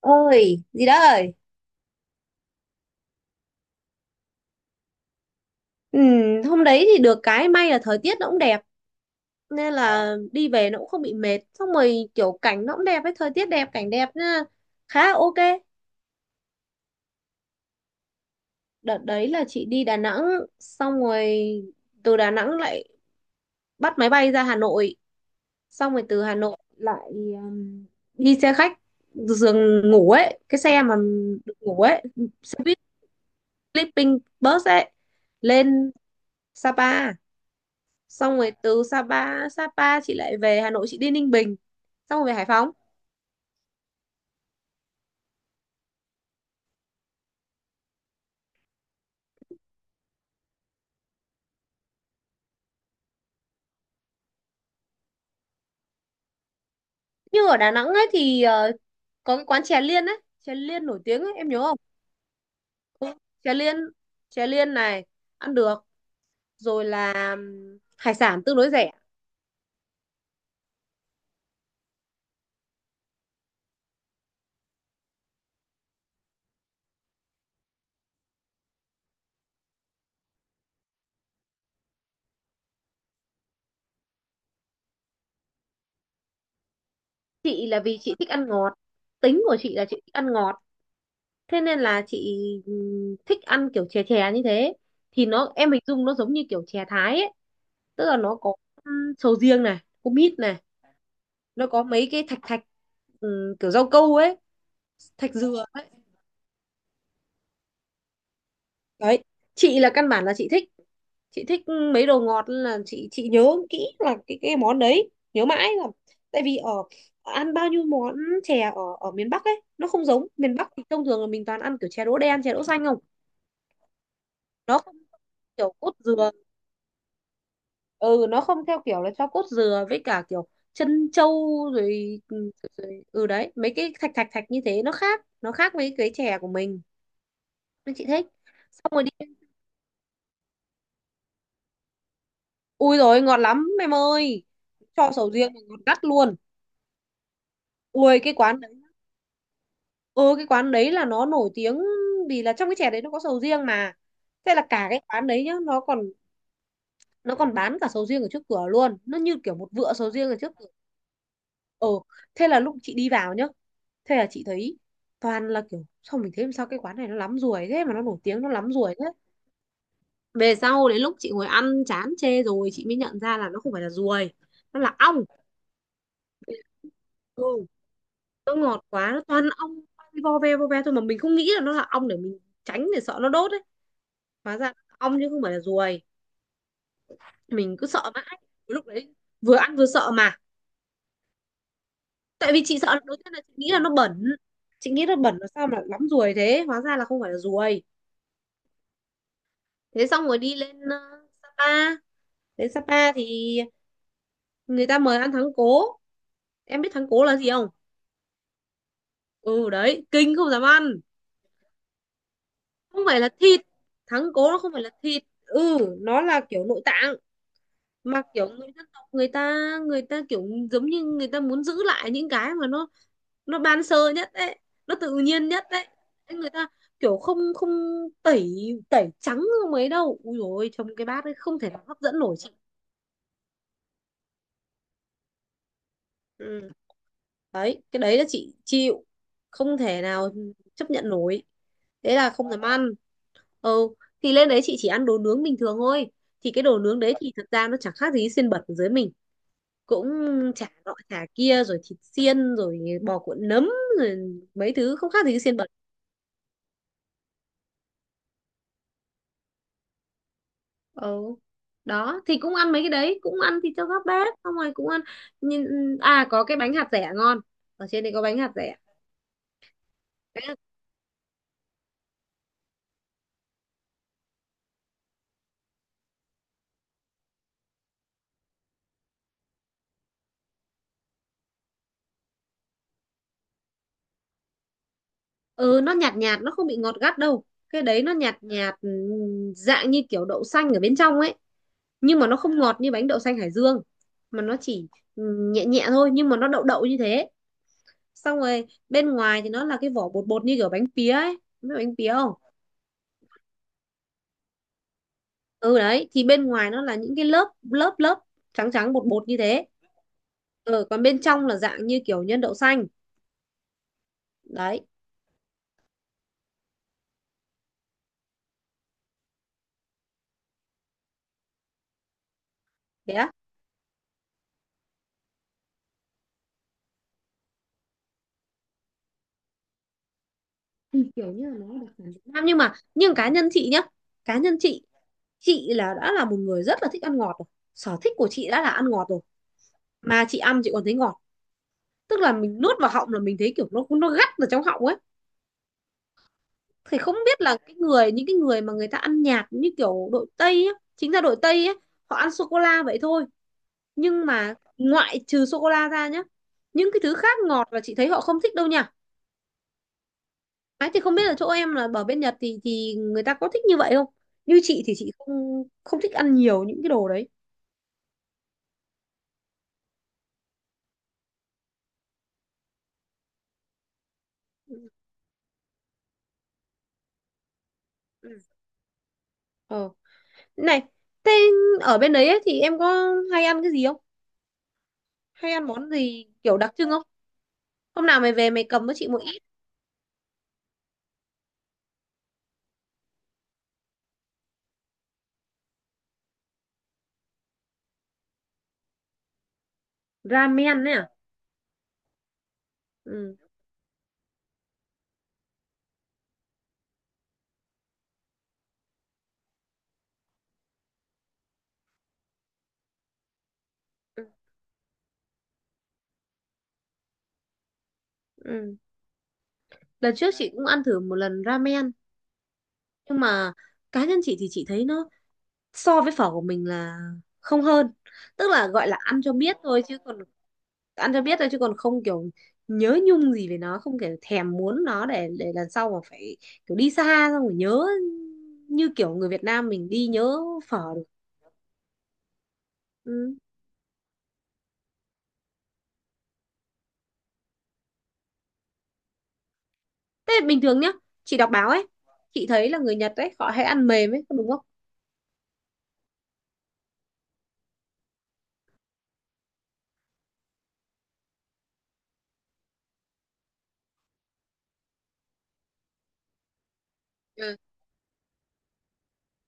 Ơi gì đó ơi. Ừ, hôm đấy thì được cái may là thời tiết nó cũng đẹp nên là đi về nó cũng không bị mệt, xong rồi kiểu cảnh nó cũng đẹp ấy, thời tiết đẹp cảnh đẹp nên là khá là ok. Đợt đấy là chị đi Đà Nẵng, xong rồi từ Đà Nẵng lại bắt máy bay ra Hà Nội, xong rồi từ Hà Nội lại um, đi xe khách giường ngủ ấy, cái xe mà được ngủ ấy, xe buýt sleeping bus ấy, lên Sapa. Xong rồi từ Sapa Sapa chị lại về Hà Nội, chị đi Ninh Bình, xong rồi về Hải Phòng. Nhưng ở Đà Nẵng ấy thì có cái quán chè Liên ấy, chè Liên nổi tiếng ấy, em nhớ không? Ừ, chè Liên, chè Liên này ăn được, rồi là hải sản tương đối rẻ. Chị là vì chị thích ăn ngọt, tính của chị là chị thích ăn ngọt, thế nên là chị thích ăn kiểu chè chè như thế, thì nó em hình dung nó giống như kiểu chè Thái ấy, tức là nó có sầu riêng này, có mít này, nó có mấy cái thạch thạch, ừ, kiểu rau câu ấy, thạch dừa ấy. Đấy, chị là căn bản là chị thích, chị thích mấy đồ ngọt nên là chị nhớ kỹ là cái món đấy, nhớ mãi là tại vì ở ăn bao nhiêu món chè ở ở miền Bắc ấy nó không giống, miền Bắc thì thông thường là mình toàn ăn kiểu chè đỗ đen chè đỗ xanh không, nó không kiểu cốt dừa, ừ, nó không theo kiểu là cho cốt dừa với cả kiểu chân trâu rồi ừ đấy mấy cái thạch thạch thạch như thế, nó khác, nó khác với cái chè của mình nên chị thích. Xong rồi đi. Ui rồi ngọt lắm em ơi, cho sầu riêng mà ngọt gắt luôn. Ui cái quán đấy, ừ cái quán đấy là nó nổi tiếng vì là trong cái chè đấy nó có sầu riêng mà. Thế là cả cái quán đấy nhá, nó còn, nó còn bán cả sầu riêng ở trước cửa luôn, nó như kiểu một vựa sầu riêng ở trước cửa. Ừ, thế là lúc chị đi vào nhá, thế là chị thấy toàn là kiểu, sao mình thấy làm sao cái quán này nó lắm ruồi thế mà nó nổi tiếng, nó lắm ruồi thế. Về sau đến lúc chị ngồi ăn chán chê rồi chị mới nhận ra là nó không phải là ruồi, nó là ong. Ừ. Nó ngọt quá nó toàn ong, vo ve thôi mà mình không nghĩ là nó là ong để mình tránh, để sợ nó đốt ấy. Hóa ra là ong chứ không phải là ruồi, mình cứ sợ mãi lúc đấy, vừa ăn vừa sợ mà. Tại vì chị sợ đầu tiên là chị nghĩ là nó bẩn, chị nghĩ nó bẩn là sao mà lắm ruồi thế, hóa ra là không phải là ruồi. Thế xong rồi đi lên Sapa. Đến Sapa thì người ta mời ăn thắng cố, em biết thắng cố là gì không? Ừ đấy, kinh, không dám ăn. Không phải là thịt, thắng cố nó không phải là thịt, ừ, nó là kiểu nội tạng mà kiểu người dân tộc người ta, người ta kiểu giống như người ta muốn giữ lại những cái mà nó ban sơ nhất đấy, nó tự nhiên nhất đấy. Thế người ta kiểu không không tẩy, tẩy trắng không mấy đâu, ui dồi ôi trông cái bát ấy không thể nào hấp dẫn nổi chị. Ừ. Đấy, cái đấy là chị chịu, không thể nào chấp nhận nổi, thế là không dám ăn. Ừ, thì lên đấy chị chỉ ăn đồ nướng bình thường thôi, thì cái đồ nướng đấy thì thật ra nó chẳng khác gì xiên bẩn ở dưới mình, cũng chả nọ chả kia rồi thịt xiên rồi bò cuộn nấm rồi mấy thứ không khác gì xiên bẩn. Ừ, đó thì cũng ăn mấy cái đấy, cũng ăn thịt cho các bếp xong rồi cũng ăn, nhìn, à có cái bánh hạt dẻ ngon, ở trên đây có bánh hạt dẻ. Ừ nó nhạt nhạt, nó không bị ngọt gắt đâu, cái đấy nó nhạt nhạt, dạng như kiểu đậu xanh ở bên trong ấy, nhưng mà nó không ngọt như bánh đậu xanh Hải Dương, mà nó chỉ nhẹ nhẹ thôi, nhưng mà nó đậu đậu như thế. Xong rồi bên ngoài thì nó là cái vỏ bột bột như kiểu bánh pía ấy, biết bánh pía không? Ừ đấy, thì bên ngoài nó là những cái lớp lớp lớp trắng trắng bột bột như thế. Ừ, còn bên trong là dạng như kiểu nhân đậu xanh. Đấy. Thế á. Ừ, kiểu như là nó là đặc sản Việt Nam nhưng mà, nhưng cá nhân chị nhá, cá nhân chị là đã là một người rất là thích ăn ngọt rồi, sở thích của chị đã là ăn ngọt rồi mà chị ăn chị còn thấy ngọt, tức là mình nuốt vào họng là mình thấy kiểu nó gắt vào trong họng ấy. Thì không biết là cái người, những cái người mà người ta ăn nhạt như kiểu đội Tây á, chính ra đội Tây á họ ăn sô cô la vậy thôi, nhưng mà ngoại trừ sô cô la ra nhá, những cái thứ khác ngọt là chị thấy họ không thích đâu nha. Ấy thì không biết là chỗ em là ở bên Nhật thì người ta có thích như vậy không, như chị thì chị không không thích ăn nhiều những cái đồ đấy. Ừ. Ừ. Ờ. Này, thế ở bên đấy ấy, thì em có hay ăn cái gì không? Hay ăn món gì kiểu đặc trưng không? Hôm nào mày về mày cầm với chị một ít. Ramen ấy à? Ừ. Ừ. Ừ. Lần trước chị cũng ăn thử một lần ramen, nhưng mà cá nhân chị thì chị thấy nó so với phở của mình là không hơn. Tức là gọi là ăn cho biết thôi chứ còn ăn cho biết thôi chứ còn không kiểu nhớ nhung gì về nó, không kiểu thèm muốn nó để lần sau mà phải kiểu đi xa xong rồi nhớ như kiểu người Việt Nam mình đi nhớ. Phở được. Ừ. Thế bình thường nhá, chị đọc báo ấy, chị thấy là người Nhật ấy, họ hay ăn mềm ấy, có đúng không? Ừ.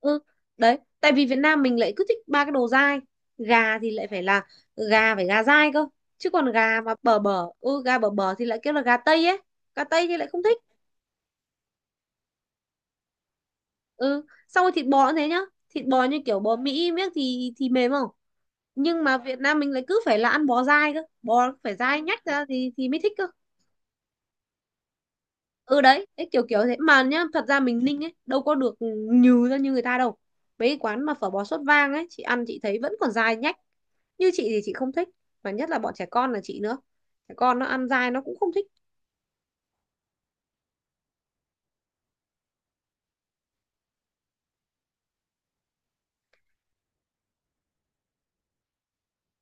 Ừ, đấy, tại vì Việt Nam mình lại cứ thích ba cái đồ dai. Gà thì lại phải là gà, phải gà dai cơ. Chứ còn gà mà bở bở, ừ, gà bở bở thì lại kêu là gà Tây ấy. Gà Tây thì lại không thích. Ừ, xong rồi thịt bò cũng thế nhá. Thịt bò như kiểu bò Mỹ miếng thì mềm không? Nhưng mà Việt Nam mình lại cứ phải là ăn bò dai cơ. Bò phải dai nhách ra thì mới thích cơ. Ừ đấy đấy, kiểu kiểu thế mà nhá, thật ra mình Ninh ấy đâu có được nhừ ra như người ta đâu, mấy cái quán mà phở bò sốt vang ấy chị ăn chị thấy vẫn còn dai nhách. Như chị thì chị không thích, mà nhất là bọn trẻ con là chị nữa, trẻ con nó ăn dai nó cũng không thích.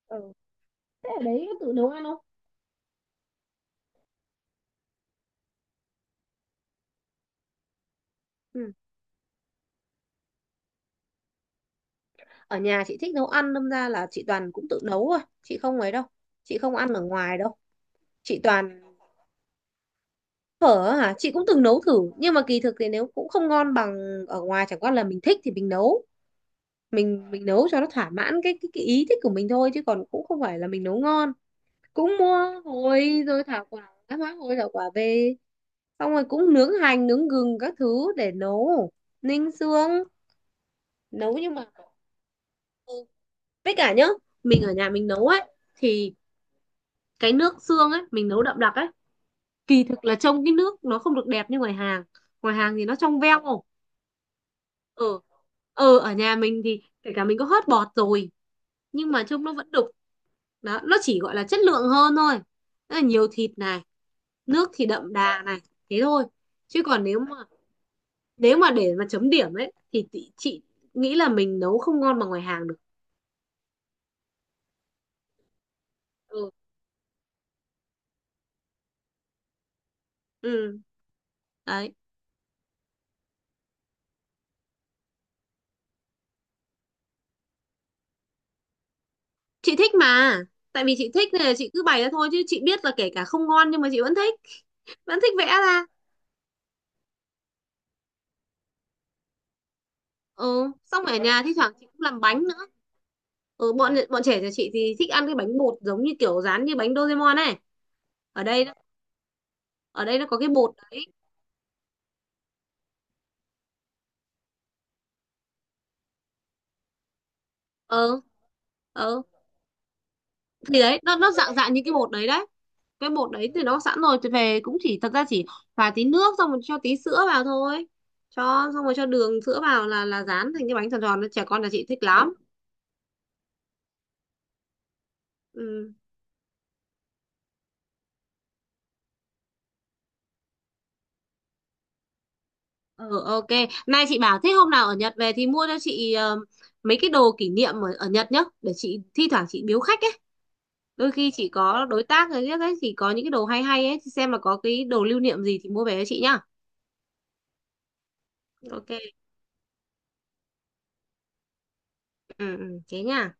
Ừ. Thế ở đấy có tự nấu ăn không? Ừ. Ở nhà chị thích nấu ăn, đâm ra là chị toàn cũng tự nấu thôi, chị không ấy đâu, chị không ăn ở ngoài đâu, chị toàn. Phở á hả, chị cũng từng nấu thử nhưng mà kỳ thực thì nếu cũng không ngon bằng ở ngoài, chẳng qua là mình thích thì mình nấu, mình nấu cho nó thỏa mãn cái cái ý thích của mình thôi, chứ còn cũng không phải là mình nấu ngon. Cũng mua hồi rồi thảo quả, má hồi thảo quả về, xong rồi cũng nướng hành nướng gừng các thứ để nấu, ninh xương nấu nhưng mà. Ừ. Với cả nhá, mình ở nhà mình nấu ấy thì cái nước xương ấy mình nấu đậm đặc ấy, kỳ thực là trông cái nước nó không được đẹp như ngoài hàng. Ngoài hàng thì nó trong veo. Ừ. Ừ ở nhà mình thì kể cả mình có hớt bọt rồi nhưng mà trông nó vẫn đục. Đó, nó chỉ gọi là chất lượng hơn thôi. Tức là nhiều thịt này, nước thì đậm đà này, thế thôi. Chứ còn nếu mà, nếu mà để mà chấm điểm ấy thì chị nghĩ là mình nấu không ngon bằng ngoài hàng được. Ừ. Ừ đấy, chị thích mà, tại vì chị thích nên là chị cứ bày ra thôi, chứ chị biết là kể cả không ngon nhưng mà chị vẫn thích, vẫn thích vẽ ra. Ừ, xong rồi ở nhà thi thoảng chị cũng làm bánh nữa. Ừ, bọn bọn trẻ nhà chị thì thích ăn cái bánh bột giống như kiểu dán như bánh Doraemon này, ở đây nó-, ở đây nó có cái bột đấy. Ờ. Ờ. Thì đấy, nó dạng dạng như cái bột đấy đấy, cái bột đấy thì nó sẵn rồi thì về cũng chỉ thật ra chỉ pha tí nước xong rồi cho tí sữa vào thôi, cho xong rồi cho đường sữa vào là dán thành cái bánh tròn tròn, trẻ con là chị thích lắm. Ừ. Ừ ok. Nay chị bảo thế, hôm nào ở Nhật về thì mua cho chị mấy cái đồ kỷ niệm ở Nhật nhá, để chị thi thoảng chị biếu khách ấy, đôi khi chị có đối tác rồi nhất ấy thì có những cái đồ hay hay ấy thì xem là có cái đồ lưu niệm gì thì mua về cho chị nhá. Ok. Ừ, ừ, thế nha.